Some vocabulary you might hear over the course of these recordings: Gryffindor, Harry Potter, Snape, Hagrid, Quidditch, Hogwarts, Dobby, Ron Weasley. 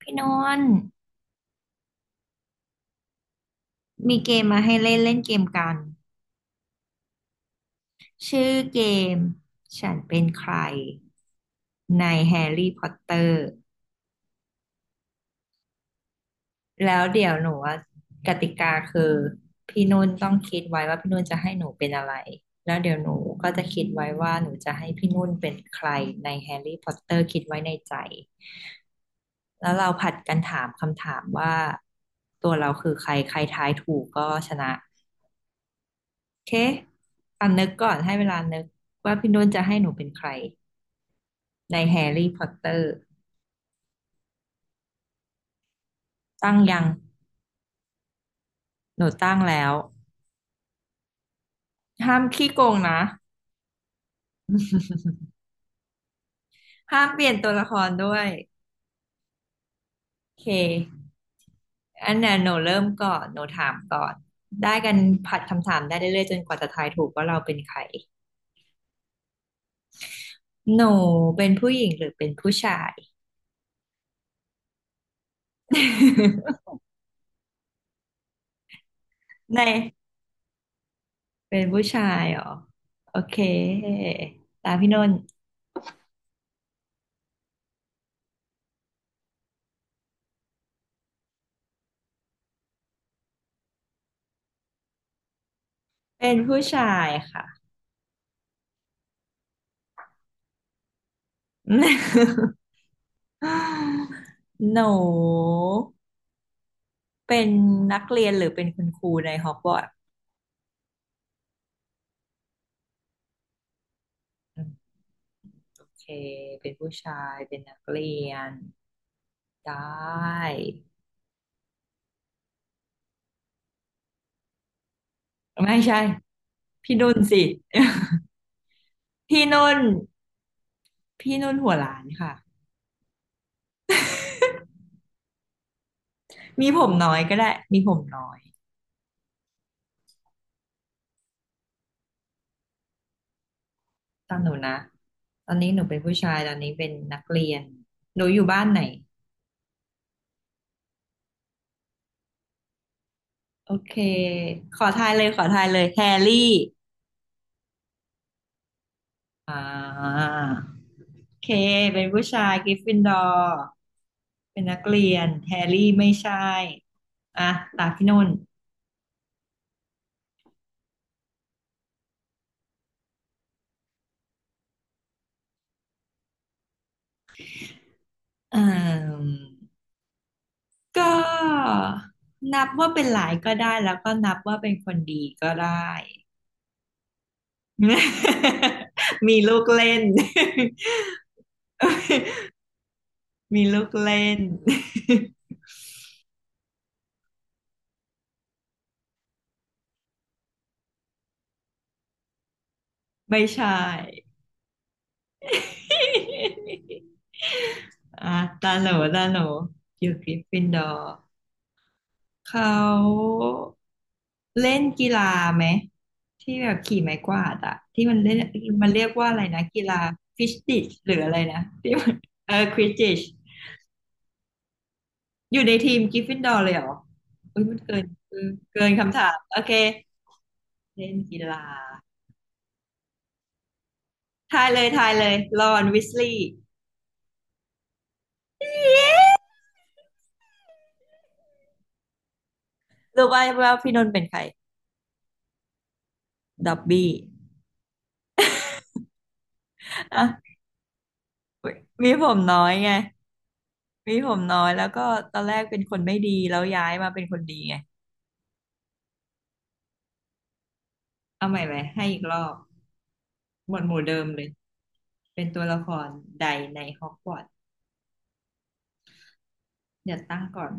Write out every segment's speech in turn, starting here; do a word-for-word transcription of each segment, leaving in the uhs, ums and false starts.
พี่นนท์มีเกมมาให้เล่นเล่นเกมกันชื่อเกมฉันเป็นใครในแฮร์รี่พอตเตอร์แล้วเดี๋ยวหนูว่ากติกาคือพี่นุ่นต้องคิดไว้ว่าพี่นุ่นจะให้หนูเป็นอะไรแล้วเดี๋ยวหนูก็จะคิดไว้ว่าหนูจะให้พี่นุ่นเป็นใครในแฮร์รี่พอตเตอร์คิดไว้ในใจแล้วเราผัดกันถามคำถามว่าตัวเราคือใครใครทายถูกก็ชนะ เคตอนนึกก่อนให้เวลานึกว่าพี่นุ่นจะให้หนูเป็นใครในแฮร์รี่พอตเตอร์ตั้งยังหนูตั้งแล้วห้ามขี้โกงนะห้ามเปลี่ยนตัวละครด้วยโอเคอันเนี้ยหนูเริ่มก่อนหนูถามก่อนได้กันผัดคำถามได้เรื่อยๆจนกว่าจะทายถูกว่าเราเป็นใครหนูเป็นผู้หญิงหรือเป็นผู้ชาย ในเป็นผู้ชายเหรอโอเคตามพี่นุ่นท์เป็นผู้ชายค่ะ หนูเป็นนักเรียนหรือเป็นคุณครูในฮอกวอตส์อืมโอเคเป็นผู้ชายเป็นนักเรียนได้ไม่ใช่พี่นุ่นสิ พี่นุ่นพี่นุ่นหัวล้านค่ะมีผมน้อยก็ได้มีผมน้อยตามหนูนะตอนนี้หนูเป็นผู้ชายตอนนี้เป็นนักเรียนหนูอยู่บ้านไหนโอเคขอทายเลยขอทายเลยแฮร์รี่อ่า เคเป็นผู้ชายกริฟฟินดอร์เป็นนักเรียนแฮร์รี่ไม่ใช่อ่ะตาพี่นุ่นเอ่มก็นับว่าเป็นหลายก็ได้แล้วก็นับว่าเป็นคนดีก็ได้ มีลูกเล่น มีลูกเล่น ไม่ใช่ อ่ะตาหนูตาหนูอยู่กริฟฟินดอร์ เขาเล่นกีฬาไหมที่แบบขี่ไม้กวาดอะที่มันเล่นมันเรียกว่าอะไรนะกีฬาฟิชติชหรืออะไรนะที่มันเออควิดิชอยู่ในทีมกริฟฟินดอร์เลยเหรอเุ้ยมันเกินเออเกินคำถามโอเคเล่นกีฬาทายเลยทายเลยรอนวิสลีย์รู้ไหมว่าพี่นนท์เป็นใครดับบี้อ่ะมีผมน้อยไงมีผมน้อยแล้วก็ตอนแรกเป็นคนไม่ดีแล้วย้ายมาเป็นคนดีไง เอาใหม่ไหมให้อีกรอบหมวดหมู่เดิมเลยเป็นตัวละครใดในฮอกวอตส์เดี๋ยวตั้งก่อน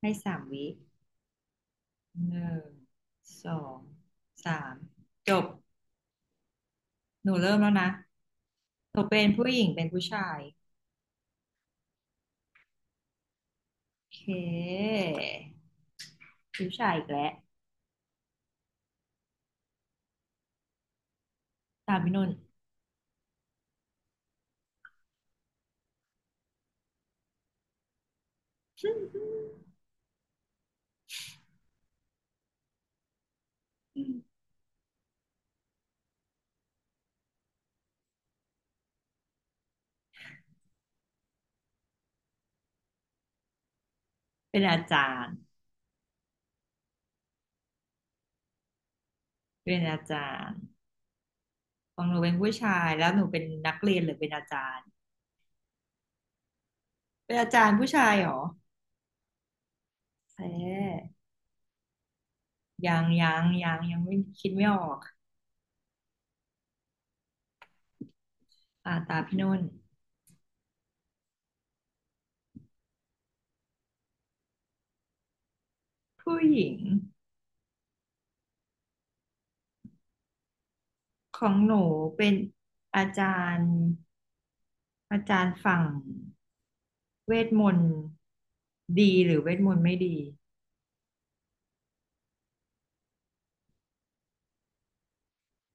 ให้สามวิหนึ่งสองสามจบหนูเริ่มแล้วนะหนูเป็นผู้หญิงเป็นผู้ชายโอเคผู้ชายอีกแล้วตามพี่นุ่นเป็นอาจารย์เป็นอาจารย์ของหนูเป็นผู้ชายแล้วหนูเป็นนักเรียนหรือเป็นอาจารย์เป็นอาจารย์ผู้ชายเหรอแพ้ยังยังยังยังไม่คิดไม่ออก อ่าตาพี่นุ่นผู้หญิงของหนูเป็นอาจารย์อาจารย์ฝั่งเวทมนต์ดีหรือเวทมนต์ไม่ดี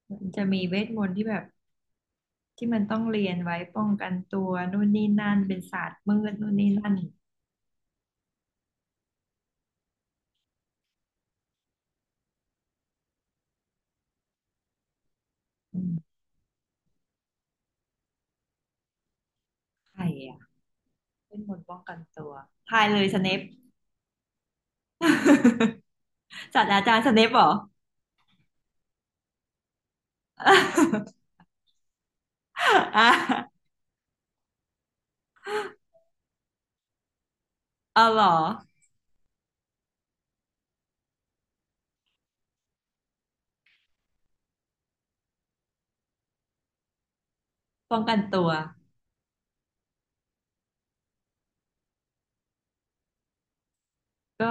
มันจะมีเวทมนต์ที่แบบที่มันต้องเรียนไว้ป้องกันตัวนู่นนี่นั่นเป็นศาสตร์มืดนู่นนี่นั่นอืมใครอะเวทมนต์ป้องกันตัวทายเลยสเนป ศาสตราจารย์สเนปเหรอ อ่ะ เอาเหรอป้องกันตัว ก็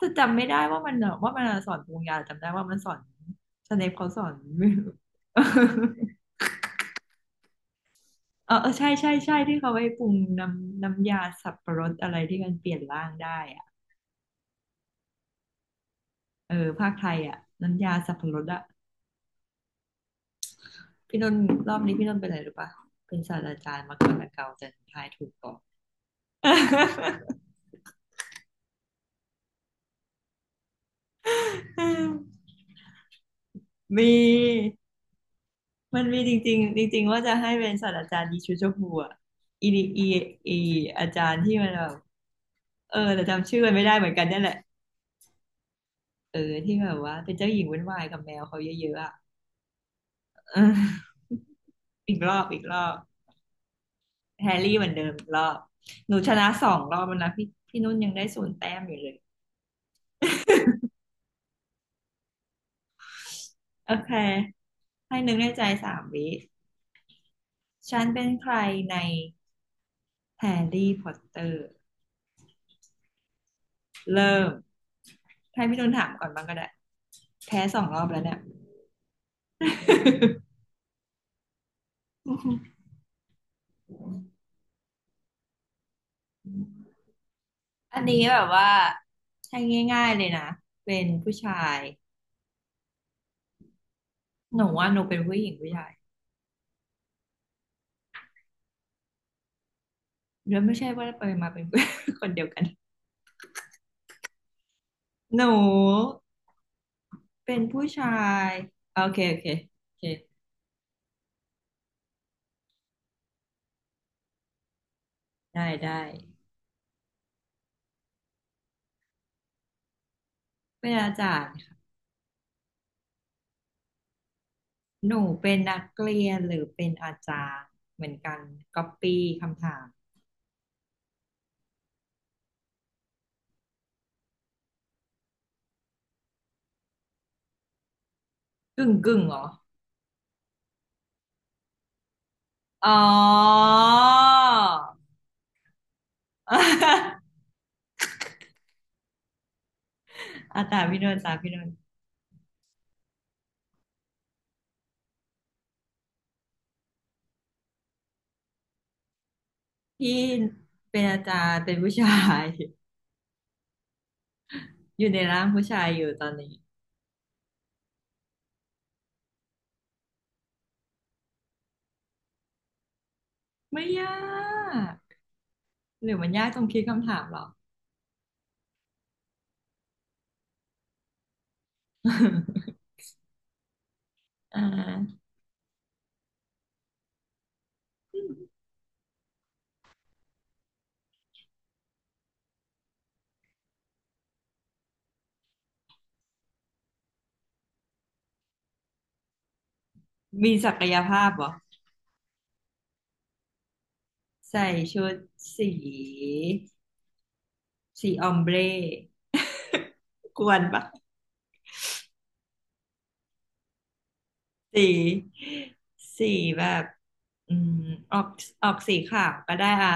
จะจำไม่ได้ว่ามันอะว่ามันสอนปรุงยาจำได้ว่ามันสอนสเนปเขาสอน ไม่ เออเออใช่ใช่ใช่ที่เขาไปปรุงน้ำน้ำยาสับปะรดอะไรที่มันเปลี่ยนร่างได้อ่ะเออภาคไทยอ่ะน้ำยาสับปะรดอ่ะพี่นนท์รอบนี้พี่นนท์เป็นอะไรหรู้ปะเป็นศาสตราจารย์มาก่อนละเกาแต่ทายถูกก่อน มีมันมีจริงๆจริงๆว่าจะให้เป็นศาสตราจารย์ยีชูโชฮัออีดีอีอีอาจารย์ที่มันแบบ เออแต่จำชื่อมันไม่ได้เหมือนกันนั่นแหละเออที่แบบว่าเป็นเจ้าหญิงวุ่นวายกับแมวเขาเยอะๆอ่ะ เอออีกรอบอีกรอบแฮร์รี่เหมือนเดิมอีกรอบหนูชนะสองรอบแล้วนะพี่พี่นุ่นยังได้ศูนย์แต้มอยู่เลยโอเคให้นึกในใจสามวิฉันเป็นใครในแฮร์รี่พอตเตอร์เริ่มให้พี่นุ่นถามก่อนบ้างก็ได้แพ้สองรอบแล้วเนี่ยอันนี้แบบว่าให้ง่ายๆเลยนะเป็นผู้ชายหนูว่าหนูเป็นผู้หญิงผู้ชาย แล้วไม่ใช่ว่าไปมาเป็น คนเดียวกันหนูเป็นผู้ชายโอเคโอเคโอเคได้ได้เป็นอาจารย์ค่ะหนูเป็นนักเรียนหรือเป็นอาจารย์เหมือนกันก๊อปปี้คำถามกึ่งกึ่งเหรออ๋ออาจารย์พี่นนท์อาจารย์พี่นนท์พี่เป็นอาจารย์เป็นผู้ชายอยู่ในร่างผู้ชายอยู่ตอนนี้ไม่ยากหรือมันยากตรงคิดคำถามเหรอ อ่า มีศักยภาพเหรอใส่ชุดสีสีออมเบรกวนปะสีสีแบบอืมออกออกสีขาวก็ได้อ่ะ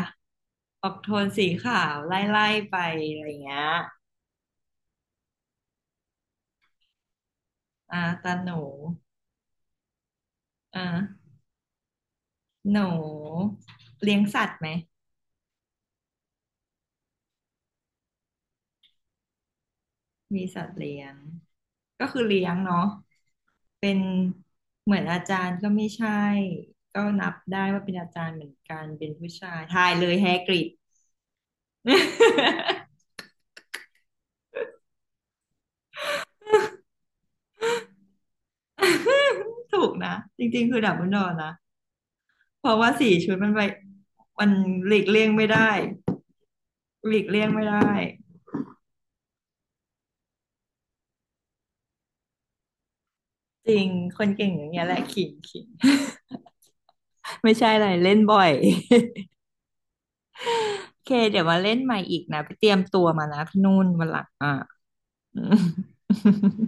ออกโทนสีขาวไล่ไล่ไปอะไรอย่างเงี้ยอ่าตาหนูอ่าหนูเลี้ยงสัตว์ไหมมีสัตว์เลี้ยงก็คือเลี้ยงเนาะ เป็นเหมือนอาจารย์ก็ไม่ใช่ก็นับได้ว่าเป็นอาจารย์เหมือนกันเป็นผู้ชายทายเลยแฮกริด ถูกนะจริงๆคือดับเบิลดอร์นะเพราะว่าสี่ชุดมันไปมันหลีกเลี่ยงไม่ได้หลีกเลี่ยงไม่ได้จริงคนเก่งอย่างเงี้ยแหละขิงขิง ไม่ใช่อะไรเล่นบ่อย โอเคเดี๋ยวมาเล่นใหม่อีกนะไปเตรียมตัวมานะพี่นุ่นวันหลังอ่ะ